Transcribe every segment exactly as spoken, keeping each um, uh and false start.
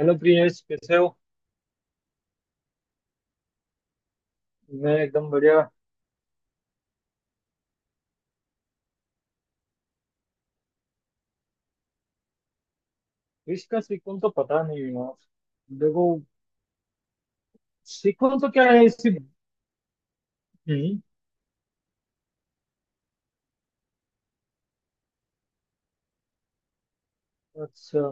Hello Priyesh कैसे हो। मैं एकदम बढ़िया। विश का सीक्वेंस तो पता नहीं है यार। देखो सीक्वेंस तो क्या है इसकी। हम्म अच्छा।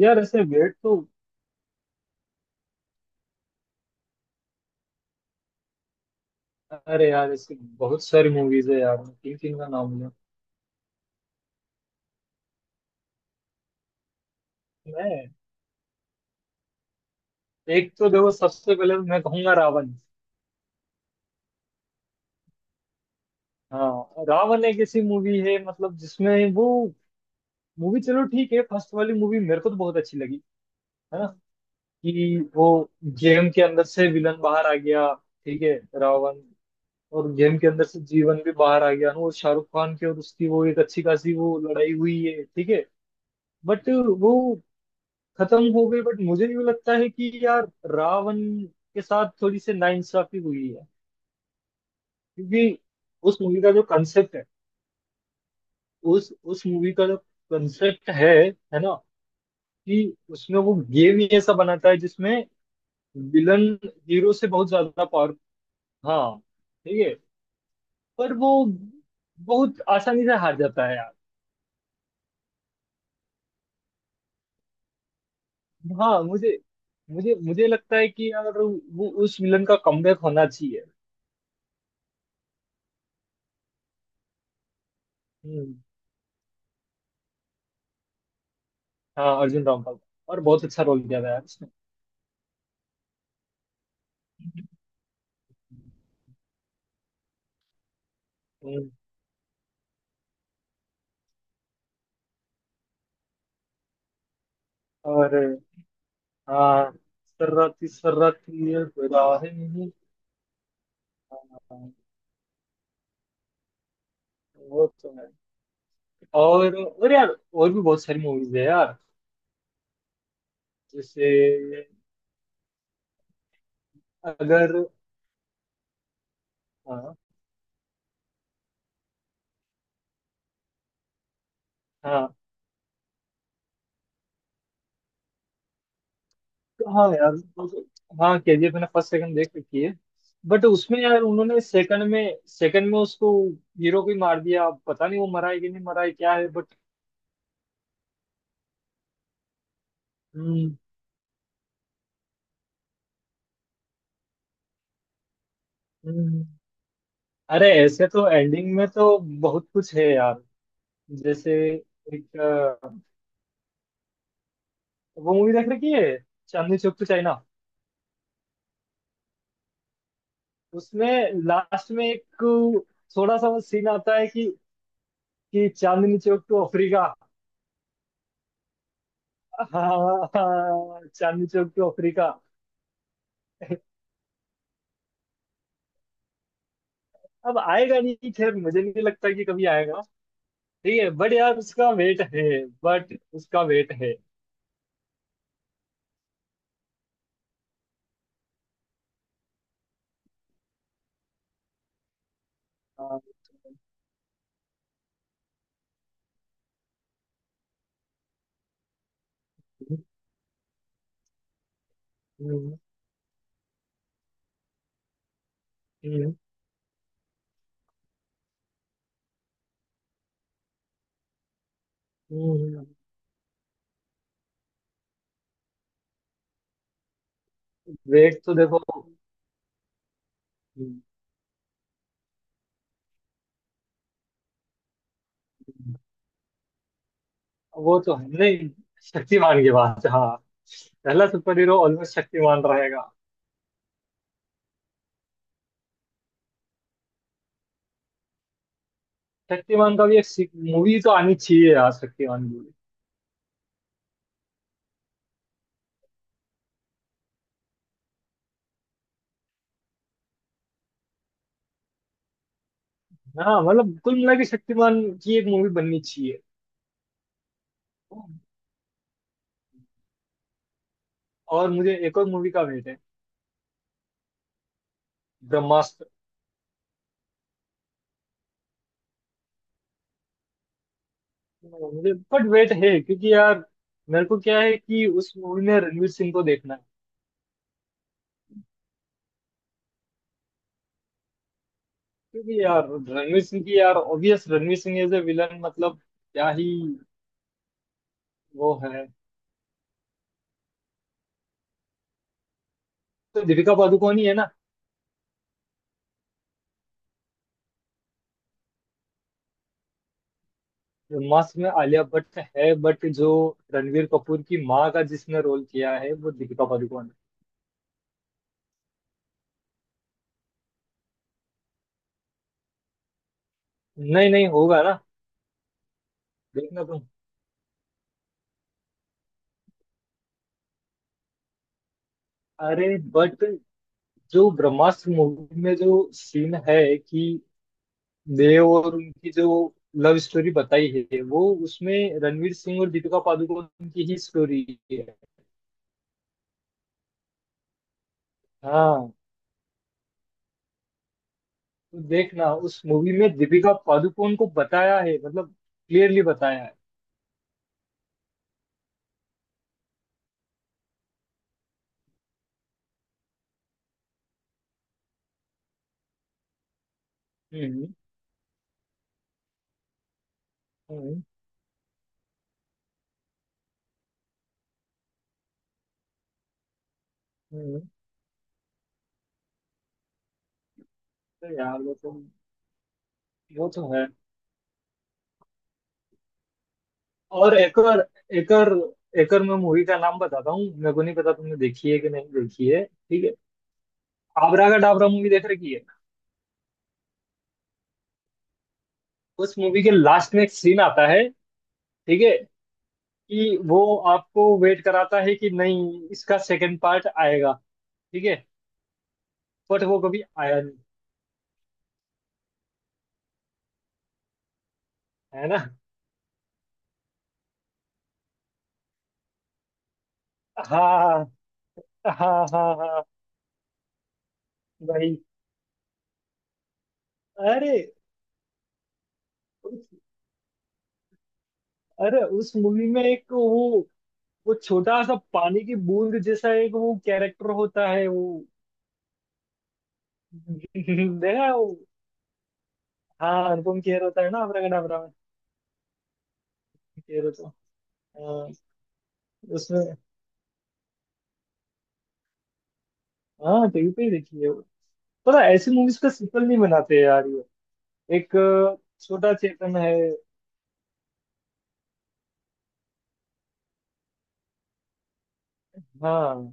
यार ऐसे वेट तो। अरे यार इसकी बहुत सारी मूवीज है यार, मैं तीन तीन का नाम लिया। मैं एक तो देखो, सबसे पहले मैं कहूंगा रावण। हाँ रावण एक ऐसी मूवी है मतलब जिसमें वो मूवी, चलो ठीक है, फर्स्ट वाली मूवी मेरे को तो बहुत अच्छी लगी, है ना, कि वो गेम के अंदर से विलन बाहर आ गया, ठीक है, रावण। और गेम के अंदर से जीवन भी बाहर आ गया ना, और शाहरुख खान के और उसकी वो एक अच्छी खासी वो लड़ाई हुई है, ठीक है। बट वो खत्म हो गई। बट मुझे यूं लगता है कि यार रावण के साथ थोड़ी सी नाइंसाफी हुई है, क्योंकि उस मूवी का जो कंसेप्ट है, उस उस मूवी का जो कंसेप्ट है है ना, कि उसमें वो गेम ही ऐसा बनाता है जिसमें विलन हीरो से बहुत ज्यादा पावर। हाँ, ठीक है, पर वो बहुत आसानी से हार जाता है यार। हाँ मुझे, मुझे मुझे लगता है कि यार वो उस विलन का कमबैक होना चाहिए। हम्म। हाँ अर्जुन रामपाल का। और बहुत अच्छा रोल किया था यार उसने। हम्म। और हाँ सर्राती सर्राती, ये राहें नहीं। हाँ, वो तो है। और और यार, और भी बहुत सारी मूवीज है यार, जैसे अगर। हाँ हाँ हाँ यार। हाँ केजीएफ मैंने फर्स्ट सेकंड देख रखी है, बट उसमें यार उन्होंने सेकंड में, सेकंड में उसको हीरो को ही मार दिया। अब पता नहीं वो मरा है कि नहीं मरा है क्या है, बट। हम्म। हम्म। अरे ऐसे तो एंडिंग में तो बहुत कुछ है यार, जैसे एक अ, वो मूवी देख रखी है, चांदनी चौक टू चाइना। उसमें लास्ट में एक थोड़ा सा वो सीन आता है कि कि चांदनी चौक टू अफ्रीका। हाँ हाँ, हाँ, चांदनी चौक टू अफ्रीका। अब आएगा नहीं, खैर मुझे नहीं लगता कि कभी आएगा। ठीक है बट यार उसका वेट है, बट उसका वेट है। वेट तो देखो। हम्म, वो तो है नहीं। शक्तिमान के बाद हाँ, पहला सुपर हीरो ऑलमोस्ट शक्तिमान रहेगा। शक्तिमान का भी एक मूवी तो आनी चाहिए यार, शक्तिमान मूवी। हाँ मतलब कुल मिला के शक्तिमान की एक मूवी बननी चाहिए। और मुझे एक और मूवी का वेट है। ब्रह्मास्त्र। हाँ, मुझे बट वेट है क्योंकि यार, मेरे को क्या है कि उस मूवी में रणवीर सिंह को देखना है। क्योंकि यार रणवीर सिंह की, यार obvious Ranveer Singh as a villain, मतलब क्या ही वो है। तो दीपिका पादुकोण ही है ना। जो मास्क में आलिया भट्ट है, बट जो रणवीर कपूर की माँ का जिसने रोल किया है वो दीपिका पादुकोण है। नहीं नहीं होगा ना। देखना तुम। अरे बट जो ब्रह्मास्त्र मूवी में जो सीन है कि देव और उनकी जो लव स्टोरी बताई है, वो उसमें रणवीर सिंह और दीपिका पादुकोण की ही स्टोरी है। हाँ, तो देखना उस मूवी में दीपिका पादुकोण को बताया है, मतलब क्लियरली बताया है। हम्म। हम्म। हम्म। तो यार वो तो, वो तो है। और एकर एकर एकर मैं मूवी का नाम बताता हूँ, मेरे को नहीं पता तुमने देखी है कि नहीं देखी है, ठीक है। आबरा का डाबरा मूवी देख रखी है। उस मूवी के लास्ट में एक सीन आता है, ठीक है, कि वो आपको वेट कराता है कि नहीं इसका सेकंड पार्ट आएगा, ठीक है। बट वो कभी आया नहीं। है ना। हाँ हाँ हाँ। हाँ वही। अरे उस, अरे उस मूवी में एक वो वो छोटा सा पानी की बूंद जैसा एक वो कैरेक्टर होता है वो। देखा है वो। हाँ अनुपम खेर होता है ना, अपना का नाम रावण खेर होता है। हाँ, उसमें। हाँ टीवी पे ही देखी है वो। पता है, ऐसी मूवीज का सीक्वल नहीं बनाते यार ये, एक अ, छोटा चेतन है। हाँ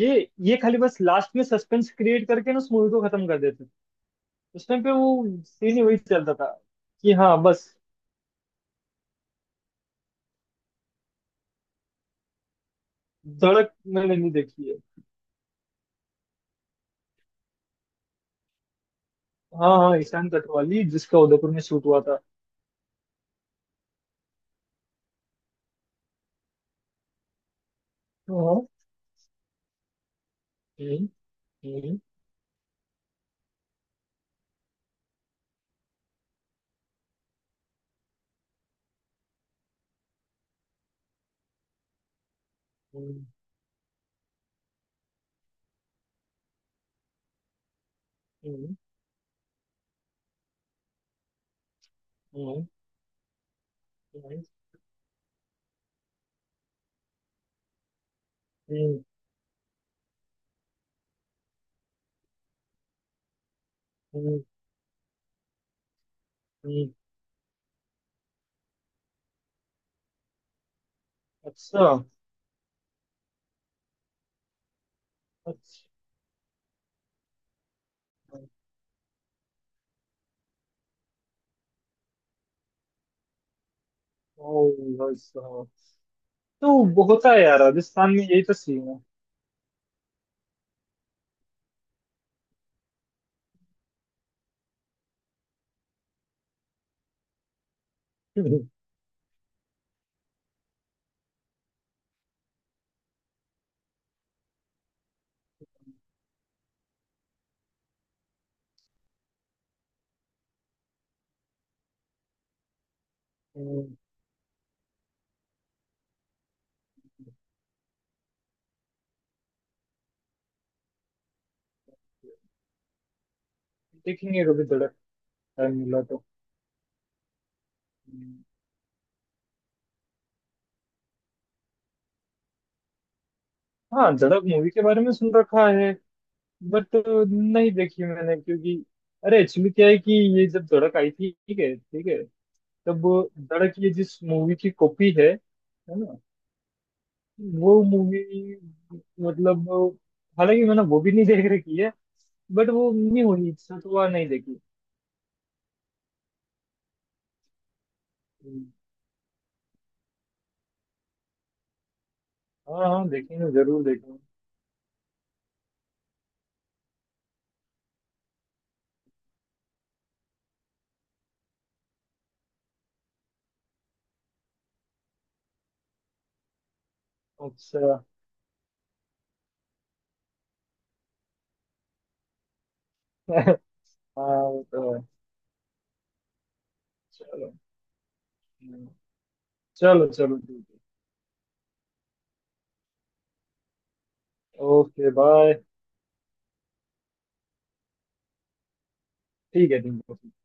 ये ये खाली बस लास्ट में सस्पेंस क्रिएट करके ना उस मूवी को खत्म कर देते। उस टाइम पे वो सीन ही वही चलता था कि हाँ बस। धड़क मैंने नहीं देखी है। हाँ हाँ ईशान कटवाली, जिसका उदयपुर में शूट हुआ था। हाँ। हम्म। हम्म। हम्म। हम्म। हम्म। हम्म, हम्म, हम्म, हम्म। अच्छा। अच्छा। ओ भाई साहब, तो होता है यार, राजस्थान में यही तो सीन है। हम्म, देखेंगे कभी धड़क, टाइम मिला तो। हाँ धड़क मूवी के बारे में सुन रखा है, बट नहीं देखी मैंने, क्योंकि अरे एक्चुअली क्या है कि ये जब धड़क आई थी, ठीक है ठीक है, तब धड़क, ये जिस मूवी की कॉपी है है ना, वो मूवी, मतलब हालांकि मैंने वो भी नहीं देख रखी है, बट वो नहीं हुई इच्छा तो वह नहीं देखी। हाँ हाँ देखेंगे जरूर देखेंगे। अच्छा। हाँ वो तो है। चलो, चलो चलो ठीक है। Okay bye. ठीक है ठीक है।